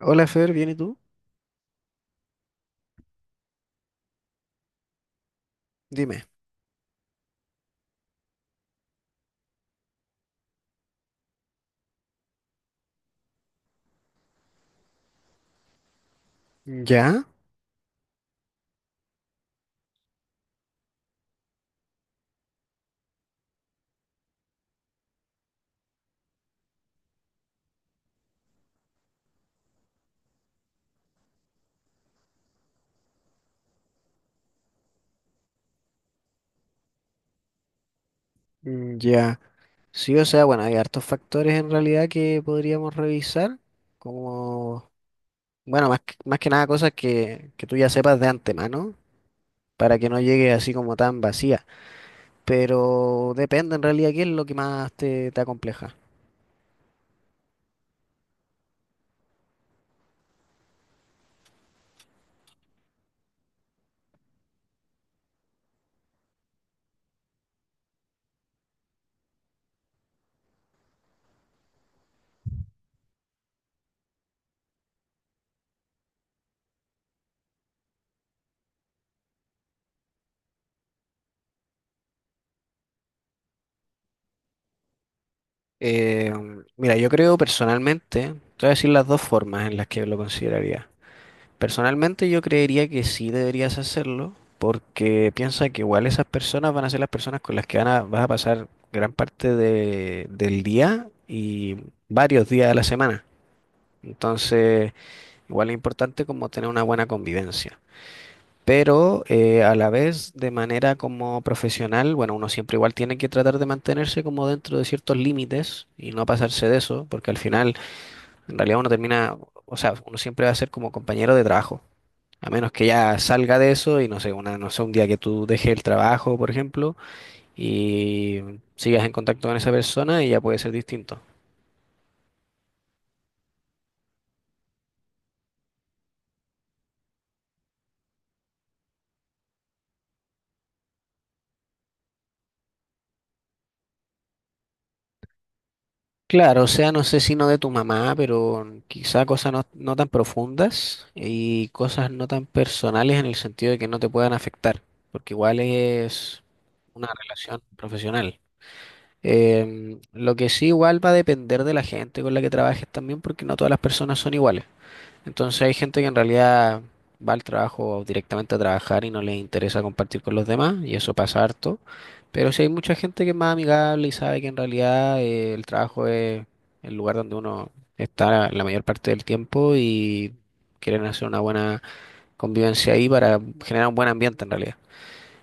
Hola Fer, ¿bien y tú? Dime. ¿Ya? Mm, ya. Sí, o sea, bueno, hay hartos factores en realidad que podríamos revisar, como, bueno, más que nada cosas que tú ya sepas de antemano, para que no llegue así como tan vacía. Pero depende en realidad qué es lo que más te acompleja. Eh, mira, yo creo personalmente, te voy a decir las dos formas en las que lo consideraría. Personalmente yo creería que sí deberías hacerlo, porque piensa que igual esas personas van a ser las personas con las que vas a pasar gran parte del día y varios días de la semana. Entonces, igual es importante como tener una buena convivencia. Pero a la vez, de manera como profesional, bueno, uno siempre igual tiene que tratar de mantenerse como dentro de ciertos límites y no pasarse de eso, porque al final, en realidad uno termina, o sea, uno siempre va a ser como compañero de trabajo. A menos que ya salga de eso y no sé, una, no sé, un día que tú dejes el trabajo, por ejemplo, y sigas en contacto con esa persona y ya puede ser distinto. Claro, o sea, no sé si no de tu mamá, pero quizá cosas no, no tan profundas y cosas no tan personales en el sentido de que no te puedan afectar, porque igual es una relación profesional. Lo que sí igual va a depender de la gente con la que trabajes también, porque no todas las personas son iguales. Entonces hay gente que en realidad va al trabajo directamente a trabajar y no les interesa compartir con los demás, y eso pasa harto. Pero sí hay mucha gente que es más amigable y sabe que en realidad el trabajo es el lugar donde uno está la mayor parte del tiempo y quieren hacer una buena convivencia ahí para generar un buen ambiente en realidad.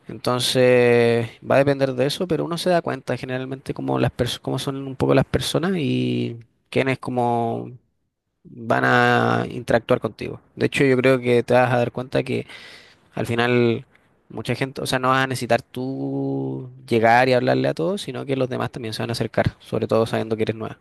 Entonces va a depender de eso, pero uno se da cuenta generalmente cómo las cómo son un poco las personas y quién es como van a interactuar contigo. De hecho, yo creo que te vas a dar cuenta que al final mucha gente, o sea, no vas a necesitar tú llegar y hablarle a todos, sino que los demás también se van a acercar, sobre todo sabiendo que eres nueva.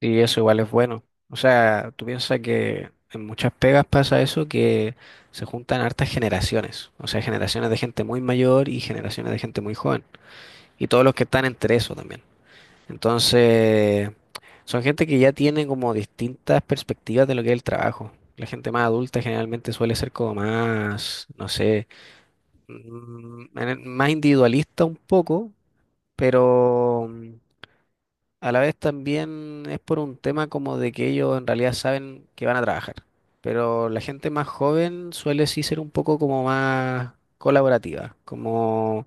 Y eso igual es bueno. O sea, tú piensas que en muchas pegas pasa eso, que se juntan hartas generaciones, o sea, generaciones de gente muy mayor y generaciones de gente muy joven, y todos los que están entre eso también. Entonces, son gente que ya tiene como distintas perspectivas de lo que es el trabajo. La gente más adulta generalmente suele ser como más, no sé, más individualista un poco, pero a la vez también es por un tema como de que ellos en realidad saben que van a trabajar. Pero la gente más joven suele sí ser un poco como más colaborativa, como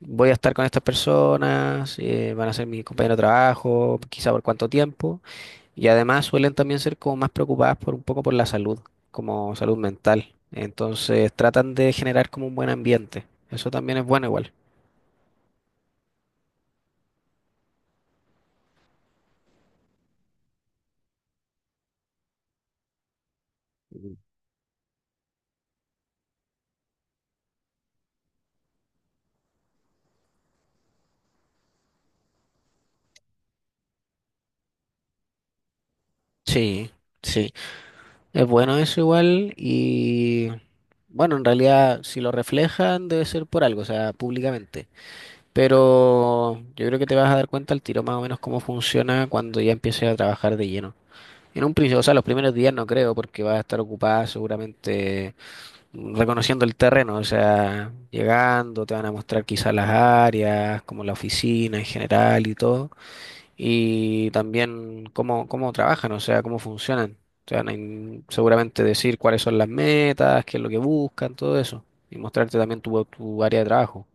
voy a estar con estas personas, van a ser mis compañeros de trabajo, quizá por cuánto tiempo, y además suelen también ser como más preocupadas por un poco por la salud, como salud mental. Entonces tratan de generar como un buen ambiente. Eso también es bueno igual. Ujú. Sí, sí, es bueno eso igual y bueno, en realidad si lo reflejan debe ser por algo, o sea, públicamente. Pero yo creo que te vas a dar cuenta al tiro más o menos cómo funciona cuando ya empieces a trabajar de lleno. En un principio, o sea, los primeros días no creo, porque va a estar ocupada seguramente reconociendo el terreno, o sea, llegando, te van a mostrar quizás las áreas, como la oficina en general y todo, y también cómo, cómo trabajan, o sea, cómo funcionan. Te van a seguramente decir cuáles son las metas, qué es lo que buscan, todo eso, y mostrarte también tu área de trabajo.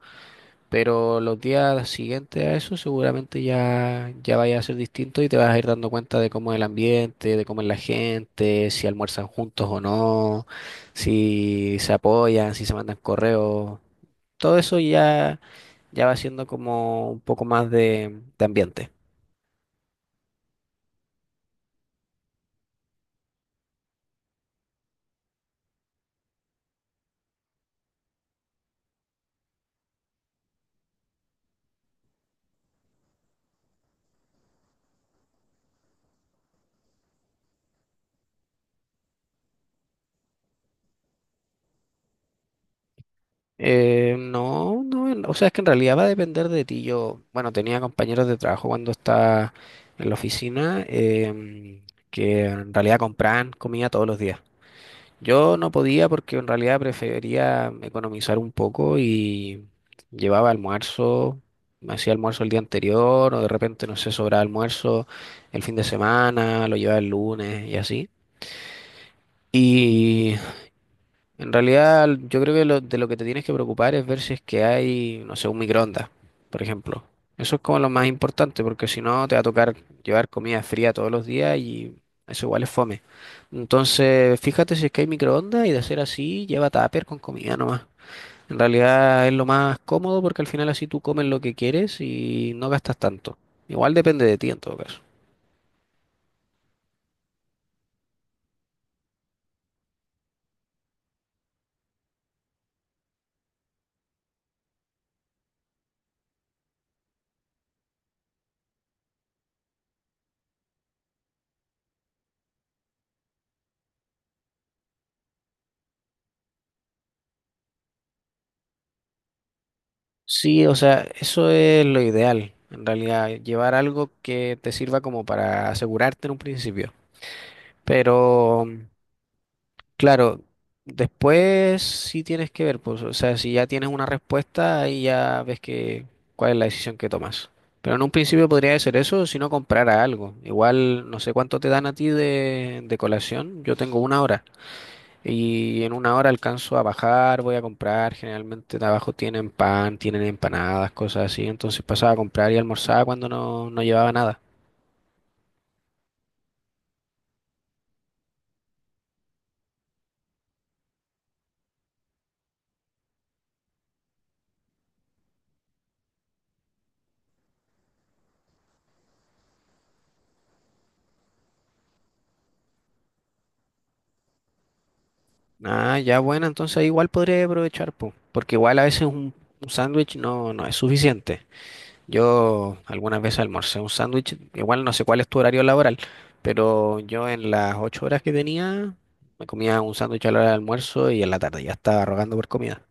Pero los días siguientes a eso seguramente ya, ya vaya a ser distinto y te vas a ir dando cuenta de cómo es el ambiente, de cómo es la gente, si almuerzan juntos o no, si se apoyan, si se mandan correos. Todo eso ya, ya va siendo como un poco más de ambiente. No, no, o sea, es que en realidad va a depender de ti. Yo, bueno, tenía compañeros de trabajo cuando estaba en la oficina, que en realidad compraban comida todos los días. Yo no podía porque en realidad prefería economizar un poco y llevaba almuerzo, me hacía almuerzo el día anterior o de repente, no sé, sobraba almuerzo el fin de semana, lo llevaba el lunes y así. Y en realidad, yo creo que de lo que te tienes que preocupar es ver si es que hay, no sé, un microondas, por ejemplo. Eso es como lo más importante, porque si no te va a tocar llevar comida fría todos los días y eso igual es fome. Entonces, fíjate si es que hay microondas y de ser así, lleva tupper con comida nomás. En realidad es lo más cómodo porque al final así tú comes lo que quieres y no gastas tanto. Igual depende de ti en todo caso. Sí, o sea, eso es lo ideal, en realidad, llevar algo que te sirva como para asegurarte en un principio. Pero, claro, después sí tienes que ver, pues, o sea, si ya tienes una respuesta, ahí ya ves que cuál es la decisión que tomas. Pero en un principio podría ser eso, si no comprara algo. Igual, no sé cuánto te dan a ti de colación, yo tengo una hora. Y en una hora alcanzo a bajar, voy a comprar. Generalmente de abajo tienen pan, tienen empanadas, cosas así. Entonces pasaba a comprar y almorzaba cuando no, no llevaba nada. Ah, ya bueno, entonces ahí igual podría aprovechar, po, porque igual a veces un sándwich no, no es suficiente. Yo algunas veces almorcé un sándwich, igual no sé cuál es tu horario laboral, pero yo en las 8 horas que tenía me comía un sándwich a la hora del almuerzo y en la tarde ya estaba rogando por comida.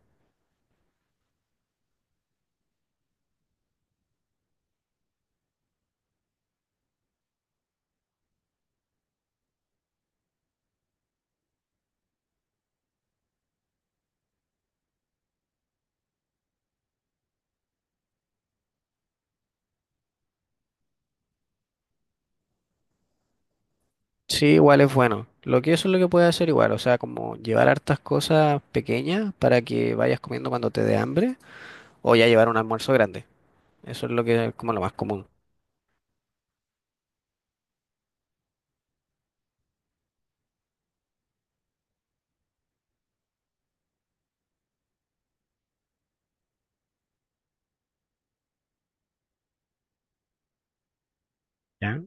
Sí, igual es bueno. Lo que eso es lo que puedes hacer igual, o sea, como llevar hartas cosas pequeñas para que vayas comiendo cuando te dé hambre, o ya llevar un almuerzo grande. Eso es lo que es como lo más común. ¿Ya?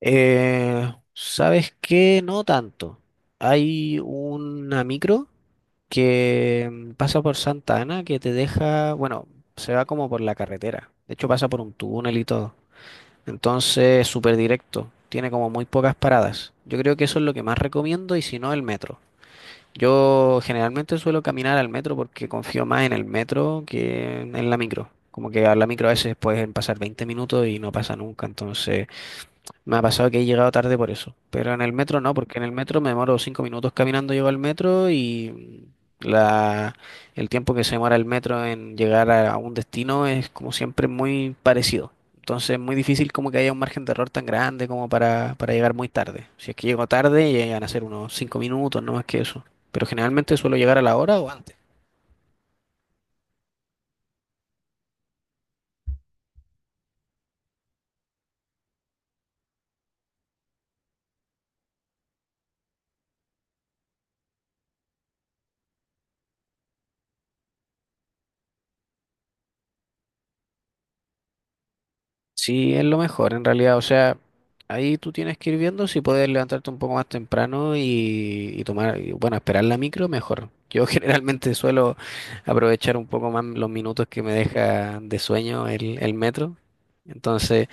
¿Sabes qué? No tanto. Hay una micro que pasa por Santa Ana que te deja, bueno, se va como por la carretera. De hecho, pasa por un túnel y todo. Entonces, súper directo. Tiene como muy pocas paradas. Yo creo que eso es lo que más recomiendo y si no, el metro. Yo generalmente suelo caminar al metro porque confío más en el metro que en la micro. Como que a la micro a veces pueden pasar 20 minutos y no pasa nunca, entonces... Me ha pasado que he llegado tarde por eso, pero en el metro no, porque en el metro me demoro 5 minutos caminando, llego al metro y la, el tiempo que se demora el metro en llegar a un destino es como siempre muy parecido. Entonces es muy difícil como que haya un margen de error tan grande como para llegar muy tarde. Si es que llego tarde, llegan a ser unos 5 minutos, no más que eso. Pero generalmente suelo llegar a la hora o antes. Sí, es lo mejor en realidad. O sea, ahí tú tienes que ir viendo si puedes levantarte un poco más temprano y tomar, y, bueno, esperar la micro, mejor. Yo generalmente suelo aprovechar un poco más los minutos que me deja de sueño el metro. Entonces,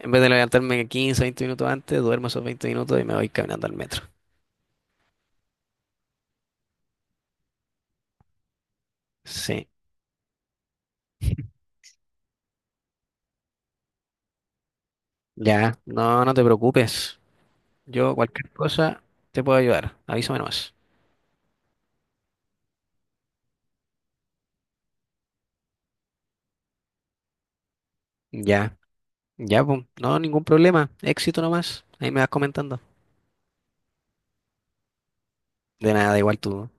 en vez de levantarme 15, 20 minutos antes, duermo esos 20 minutos y me voy caminando al metro. Sí, ya, no, no te preocupes. Yo cualquier cosa te puedo ayudar. Avísame nomás. Ya, ya, pum. No, ningún problema. Éxito nomás. Ahí me vas comentando. De nada, igual tú.